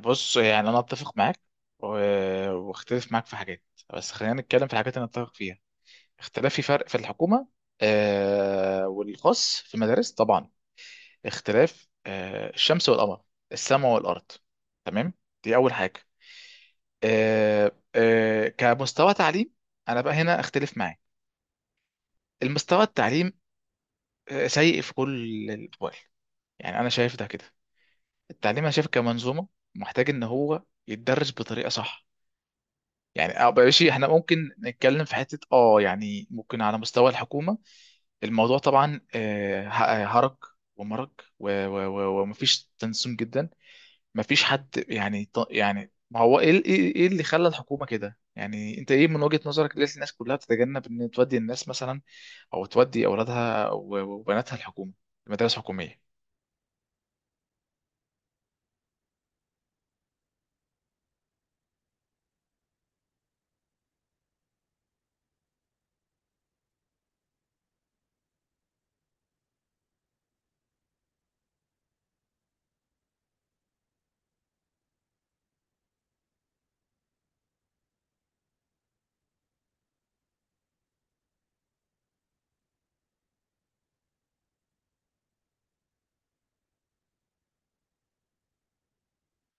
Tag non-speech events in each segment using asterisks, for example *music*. بص يعني انا اتفق معاك و- واختلف معاك في حاجات. بس خلينا نتكلم في الحاجات اللي نتفق فيها. اختلاف في فرق، في الحكومه والخاص في المدارس طبعا. اختلاف، الشمس والقمر، السماء والارض. تمام، دي اول حاجه. كمستوى تعليم انا بقى هنا اختلف معاك. المستوى التعليم سيء في كل الاحوال. يعني انا شايف ده كده. التعليم انا شايف كمنظومه محتاج ان هو يتدرس بطريقه صح. يعني أو ماشي، احنا ممكن نتكلم في حتة يعني ممكن على مستوى الحكومة. الموضوع طبعا، هرج ومرج، و ومفيش تنسيق جدا. مفيش حد، يعني ما هو ايه، إيه اللي خلى الحكومة كده؟ يعني انت ايه من وجهة نظرك، ليه الناس كلها تتجنب ان تودي الناس مثلا، او تودي اولادها وبناتها الحكومة، المدارس الحكومية؟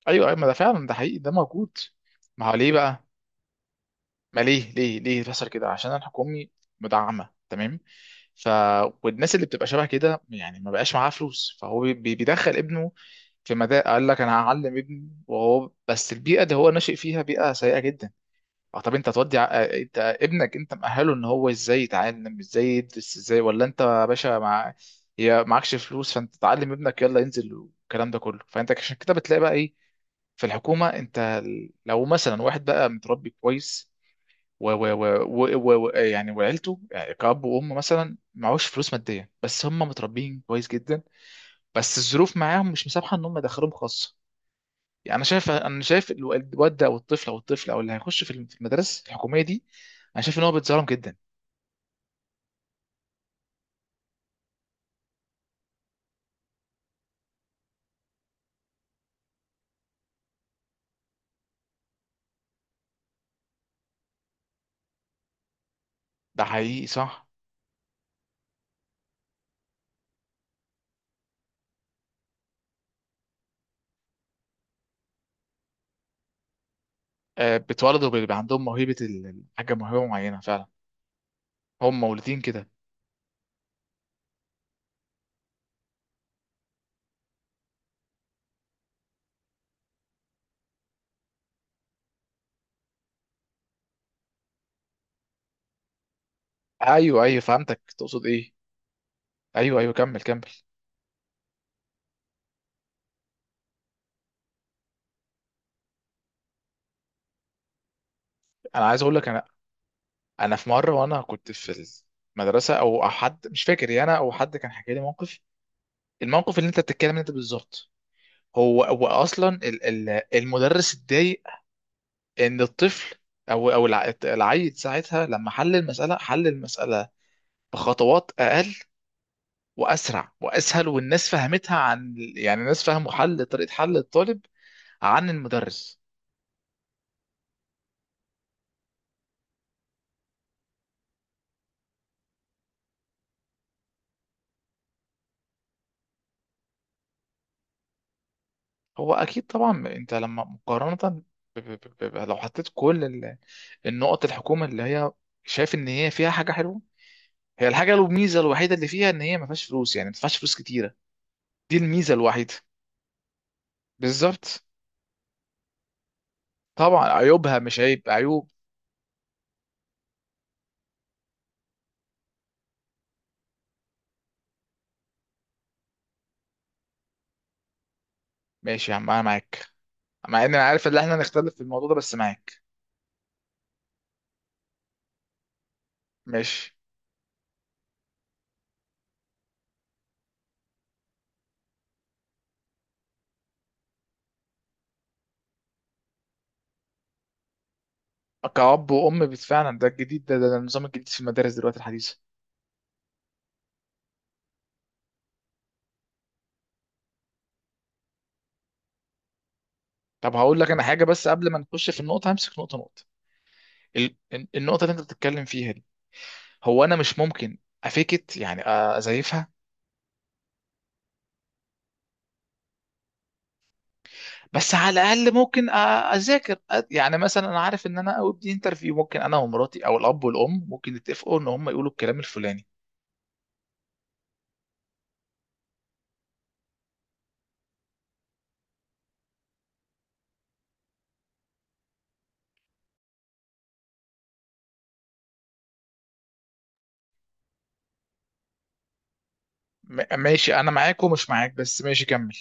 ايوه ايوه، ما ده فعلا، ده حقيقي، ده موجود. ما هو ليه بقى؟ ما ليه ليه بيحصل كده؟ عشان الحكومي مدعمه، تمام. ف والناس اللي بتبقى شبه كده يعني ما بقاش معاها فلوس، فهو بيدخل ابنه في مدى. قال لك انا هعلم ابني وهو، بس البيئه اللي هو ناشئ فيها بيئه سيئه جدا. اه طب انت تودي انت ابنك، انت مأهله ان هو ازاي يتعلم، ازاي يدرس ازاي؟ ولا انت يا باشا، مع يا معكش فلوس، فانت تعلم ابنك يلا ينزل والكلام ده كله، فانت عشان كده بتلاقي بقى ايه في الحكومه. انت لو مثلا واحد بقى متربي كويس يعني، وعيلته يعني كأب وأم مثلا معهوش فلوس مادية، بس هم متربيين كويس جدا، بس الظروف معاهم مش مسامحة إن هم يدخلوهم خاصة. يعني أنا شايف الواد ده، أو الطفل، أو اللي هيخش في في المدارس الحكومية دي، أنا شايف إن هو بيتظلم جدا. ده حقيقي صح. آه، بيتولدوا بيبقى عندهم الحاجة، موهبة معينة فعلا، هم مولودين كده. أيوه أيوه فهمتك تقصد إيه. أيوه أيوه، كمل كمل. أنا عايز أقول لك، أنا انا في مره وانا كنت في المدرسه، او أو حد مش فاكر يعني، انا او حد كان حكى لي موقف، الموقف اللي انت بتتكلم انت بالظبط. هو هو اصلا، المدرس اتضايق ان الطفل، او العيل ساعتها، لما حل المساله بخطوات اقل واسرع واسهل، والناس فهمتها، عن يعني الناس فهموا حل طريقه حل الطالب عن المدرس. هو اكيد طبعا، انت لما مقارنه، لو حطيت كل النقط، الحكومه اللي هي، شايف ان هي فيها حاجه حلوه، هي الميزه الوحيده اللي فيها، ان هي ما فيهاش فلوس، يعني ما تدفعش فلوس كتيره. دي الميزه الوحيده. بالظبط، طبعا عيوبها مش عيب، عيوب. ماشي يا عم انا معاك، مع ان انا عارف ان احنا هنختلف في الموضوع ده، بس معاك. ماشي. كأب وأم فعلا، ده الجديد، ده النظام الجديد في المدارس دلوقتي الحديثة. طب هقول لك أنا حاجة، بس قبل ما نخش في النقطة همسك نقطة نقطة. ال- النقطة اللي أنت بتتكلم فيها دي، هو أنا مش ممكن أفيكت، يعني أزيفها. بس على الاقل ممكن اذاكر يعني مثلا، انا عارف ان انا ابني انترفيو، ممكن انا ومراتي او الاب والام ممكن يتفقوا ان هم يقولوا الكلام الفلاني. ماشي انا معاك ومش معاك، بس ماشي كمل.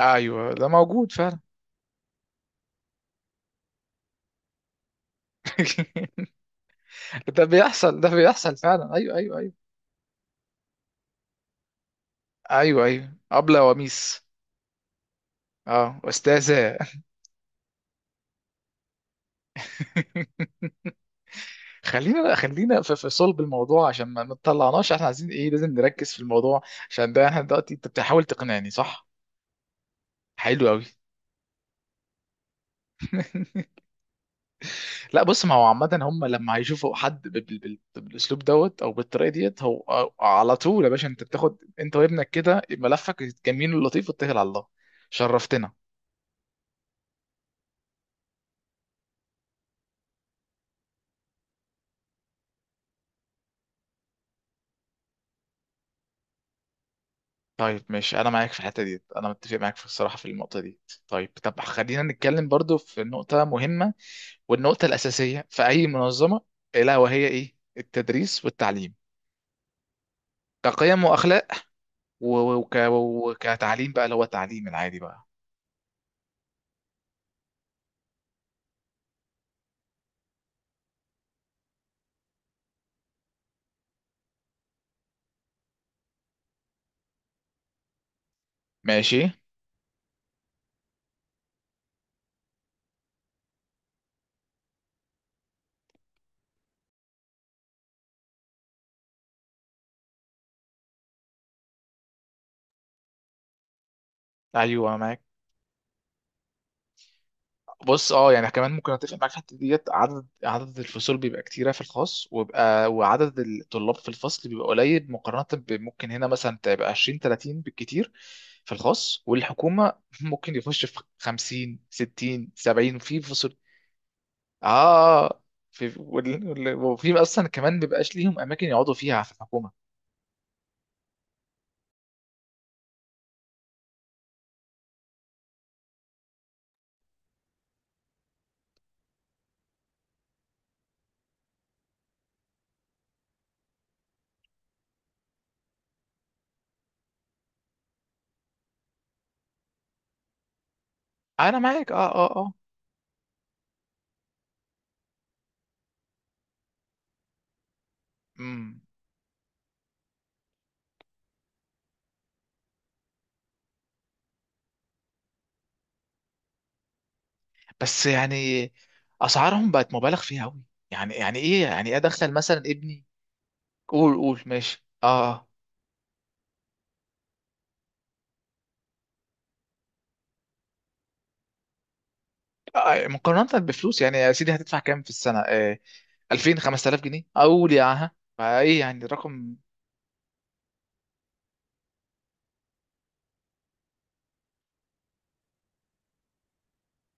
ايوه ده موجود فعلا. *laughs* ده بيحصل فعلا، ايوه ايوه ايوه. ايوه ايوه، ابله وميس، اه استاذه. *laughs* خلينا في, في صلب الموضوع، عشان ما تطلعناش، احنا عايزين ايه؟ لازم نركز في الموضوع، عشان ده احنا دلوقتي انت بتحاول تقنعني، صح؟ حلو قوي. *laughs* لا بص، ما هو عامة هم لما هيشوفوا حد بالاسلوب دوت او بالطريقة ديت، هو على طول يا باشا انت بتاخد انت وابنك كده ملفك الجميل اللطيف واتكل على الله. شرفتنا. طيب ماشي انا معاك في الحتة ديت، انا متفق معاك في الصراحة في النقطة دي. طيب طب خلينا نتكلم برضو في نقطة مهمة، والنقطة الأساسية في أي منظمة، الا وهي ايه؟ التدريس والتعليم، كقيم وأخلاق، وكتعليم بقى، اللي هو التعليم العادي بقى. ماشي. ايوه معاك. بص اه، يعني كمان ممكن اتفق معاك في الحته ديت، عدد الفصول بيبقى كتيره في الخاص، ويبقى وعدد الطلاب في الفصل بيبقى قليل مقارنه، بممكن هنا مثلا تبقى 20 30 بالكتير في الخاص، والحكومه *laughs* ممكن يخش في 50 60 70 وفي فصول. اه في وفي اصلا كمان بيبقاش ليهم اماكن يقعدوا فيها في الحكومه. انا معاك اه اه اه. امم. بس يعني اسعارهم بقت مبالغ فيها قوي، يعني يعني ايه؟ ادخل مثلا ابني، قول قول ماشي اه. آه، مقارنة بفلوس، يعني يا سيدي هتدفع كام في السنة؟ آه، 2000 5000 جنيه، اقول يا عها فايه، يعني رقم.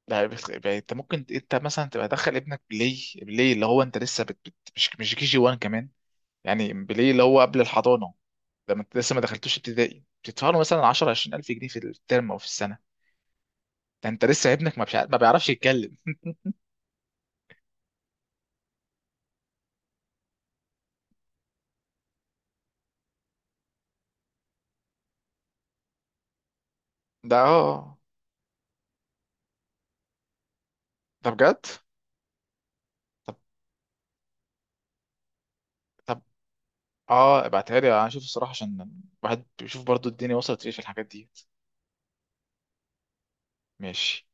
لا، انت ممكن انت مثلا تبقى دخل ابنك بلاي بلاي، اللي هو انت لسه مش كي جي 1 كمان. يعني بلاي اللي هو قبل الحضانة، لما انت لسه ما دخلتوش ابتدائي، بتدفع له مثلا 10 20000 جنيه في الترم او في السنة. ده انت لسه ابنك ما بيعرفش يتكلم. *laughs* ده اه آه. ده بجد. طب طب اه ابعتها لي انا اشوف الصراحه، عشان الواحد بيشوف برضو الدنيا وصلت ليه في الحاجات دي. ماشي.